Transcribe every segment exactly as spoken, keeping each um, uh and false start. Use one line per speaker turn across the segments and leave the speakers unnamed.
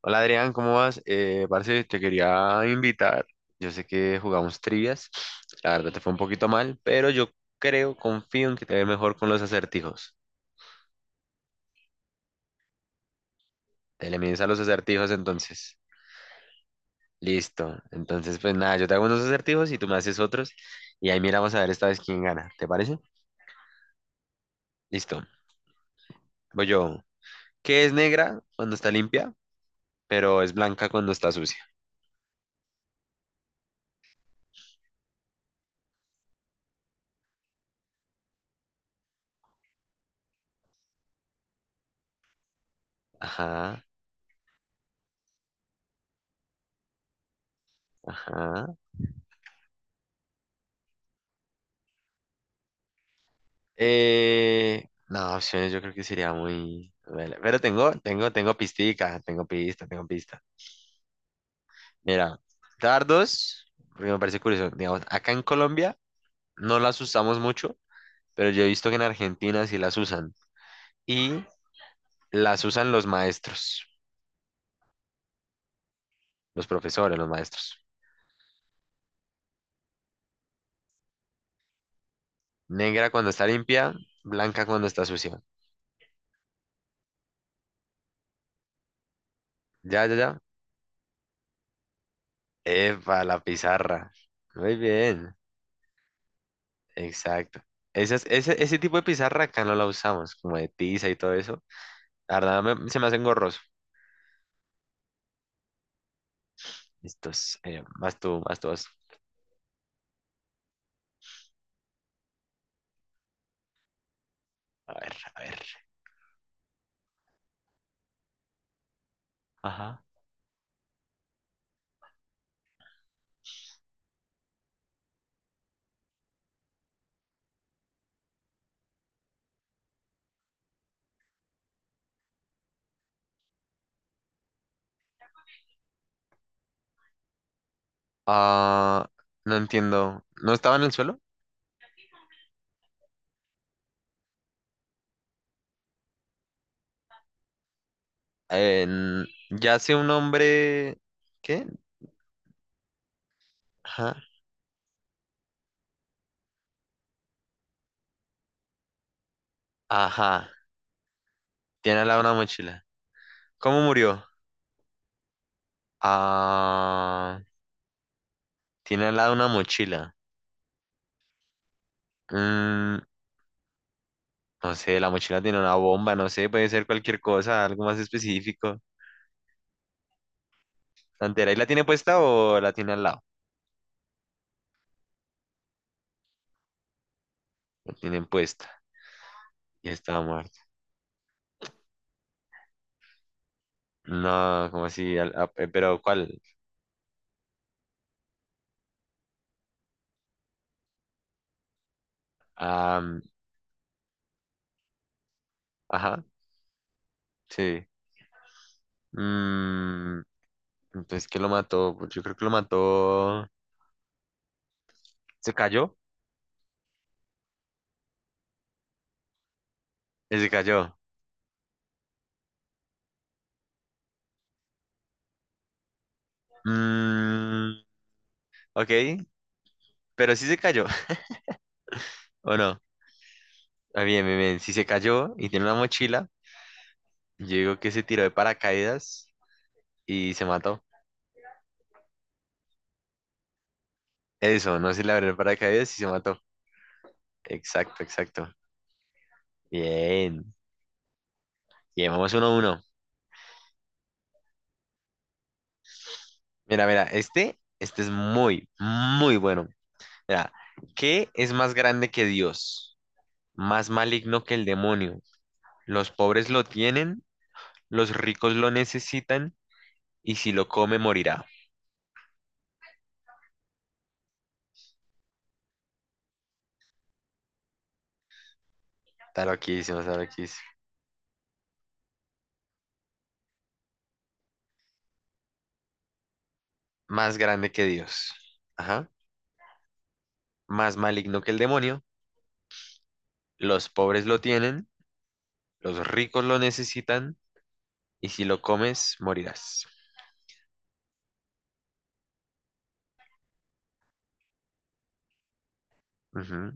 Hola Adrián, ¿cómo vas? Eh, parce, te quería invitar. Yo sé que jugamos trivias. La verdad te fue un poquito mal, pero yo creo, confío en que te ve mejor con los acertijos. Te le mides a los acertijos entonces. Listo. Entonces, pues nada, yo te hago unos acertijos y tú me haces otros. Y ahí miramos a ver esta vez quién gana. ¿Te parece? Listo. Voy yo. ¿Qué es negra cuando está limpia, pero es blanca cuando está sucia? Ajá, ajá. Eh, no, opciones yo creo que sería muy... vela- Pero tengo, tengo, tengo pistica, tengo pista, tengo pista. Mira, dardos, porque me parece curioso, digamos, acá en Colombia no las usamos mucho, pero yo he visto que en Argentina sí las usan. Y las usan los maestros, los profesores, los maestros. Negra cuando está limpia, blanca cuando está sucia. Ya, ya, ya. Epa, la pizarra. Muy bien. Exacto. Esas, ese, ese tipo de pizarra acá no la usamos, como de tiza y todo eso. La verdad me- se me hace engorroso. Estos, eh, más tú, más tú. Vas. A ver, a ver. Ajá. Ah, no entiendo. ¿No estaba en el suelo? En- ya sé un hombre. ¿Qué? Ajá. Ajá. Tiene al lado una mochila. ¿Cómo murió? Ah, tiene al lado una mochila. Mm, no sé, la mochila tiene una bomba, no sé, puede ser cualquier cosa, algo más específico. ¿Santera? ¿Y la tiene puesta o la tiene al lado? La tienen puesta. Y estaba muerta. No, ¿como así? Al- ah, eh, ¿Pero cuál? Am, ajá, sí. Mm, entonces, ¿qué lo mató? Pues yo creo que lo mató. ¿Se cayó? Eh, Se cayó. Mm, ok, pero sí se cayó, ¿o no? Ah, bien, bien, bien. Si se cayó y tiene una mochila, yo digo que se tiró de paracaídas y se mató. Eso, no se le abrió el paracaídas y se mató. Exacto, exacto. Bien. Bien, vamos uno a uno. Mira, mira, este, este es muy, muy bueno. Mira, ¿qué es más grande que Dios? Más maligno que el demonio. Los pobres lo tienen, los ricos lo necesitan, y si lo come morirá. Está loquísimo, está loquísimo. Más grande que Dios. Ajá. Más maligno que el demonio. Los pobres lo tienen, los ricos lo necesitan, y si lo comes, morirás. Ujú.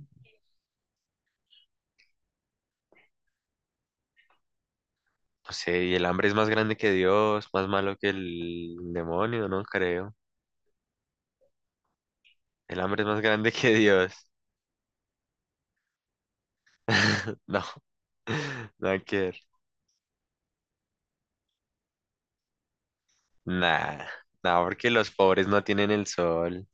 No sé, y el hambre es más grande que Dios, más malo que el demonio, no creo. El hambre es más grande que Dios. No, no quiero. Nah, nah, porque los pobres no tienen el sol.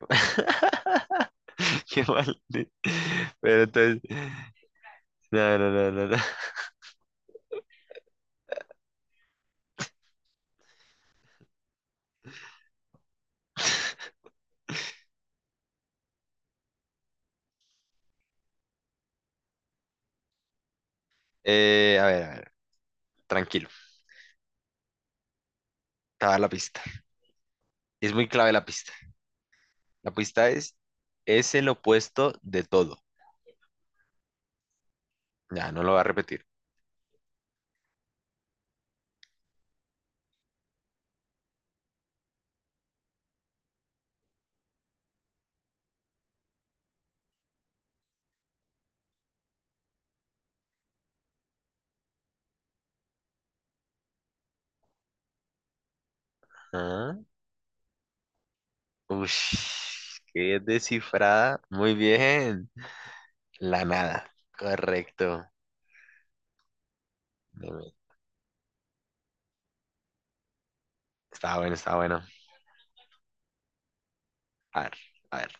Qué mal. Pero entonces, no, no, no, no, no. Eh, a ver, a ver, tranquilo, te voy a dar la pista. Es muy clave la pista. La pista es, es el opuesto de todo. Ya, no lo va a repetir. Ah, ush, qué descifrada. Muy bien. La nada. Correcto. Deme- Está bueno, está bueno. A ver, a ver.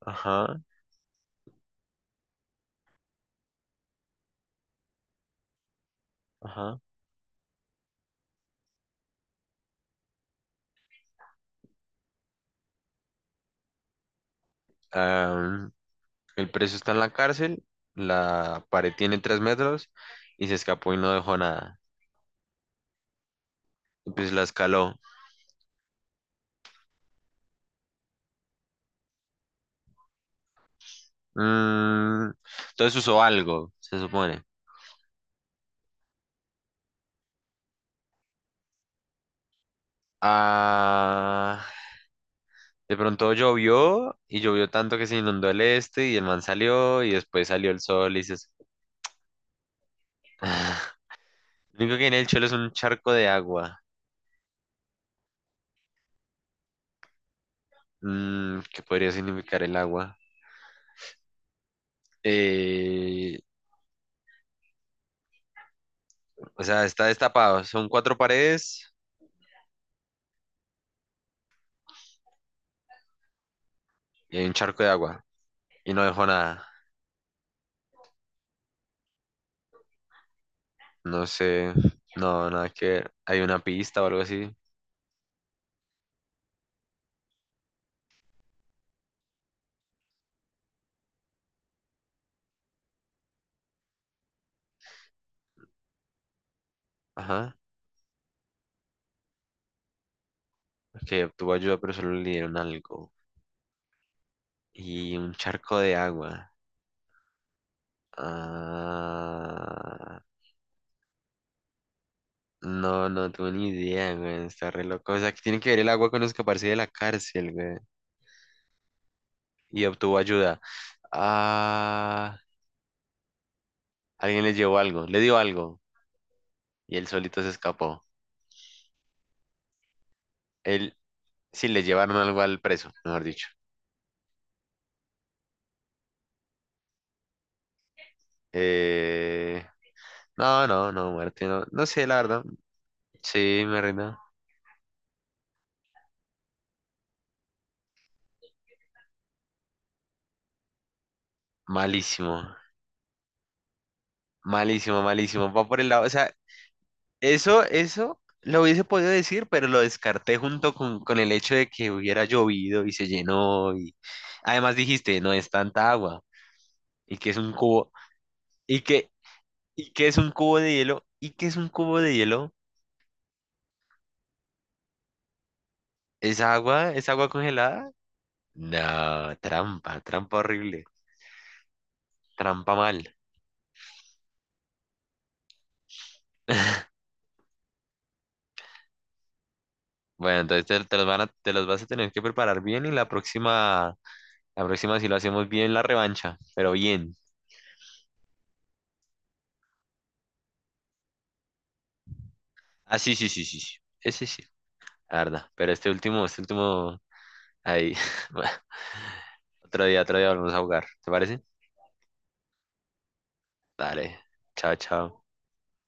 Ajá, ajá. Am, el preso está en la cárcel. La pared tiene tres metros y se escapó y no dejó nada. Y pues la escaló. Mm, entonces usó algo, se supone. Ah, de pronto llovió y llovió tanto que se inundó el este y el man salió y después salió el sol y se... Lo único que hay en el Cholo es un charco de agua. Mm, ¿qué podría significar el agua? Eh, o sea, está destapado. Son cuatro paredes y hay un charco de agua. Y no dejó nada. No sé. No, nada que ver. Hay una pista o algo así. Ajá. Que obtuvo ayuda, pero solo le dieron algo. Y un charco de agua. Ah, no, no tuve ni idea, güey. Está re loco. O sea, que tiene que ver el agua con escaparse de la cárcel, güey. Y obtuvo ayuda. Ah. Alguien le llevó algo, le dio algo y él solito se escapó. Él, sí, le llevaron algo al preso, mejor dicho. Eh, no, no, no, muerte, no, no sé, la verdad. Sí, me rindo. Malísimo, malísimo, malísimo. Va por el lado, o sea, eso, eso lo hubiese podido decir, pero lo descarté junto con, con el hecho de que hubiera llovido y se llenó y además dijiste, no es tanta agua y que es un cubo y que, y que es un cubo de hielo y que es un cubo de hielo. ¿Es agua? ¿Es agua congelada? No, trampa, trampa horrible, trampa mal. Bueno, entonces te, te los van a- te los vas a tener que preparar bien y la próxima, la próxima si lo hacemos bien la revancha, pero bien. Ah, sí, sí, sí, sí, sí. Ese sí, la verdad. Pero este último, este último, ahí. Bueno, otro día, otro día volvemos a jugar. ¿Te parece? Dale. Chao, chao.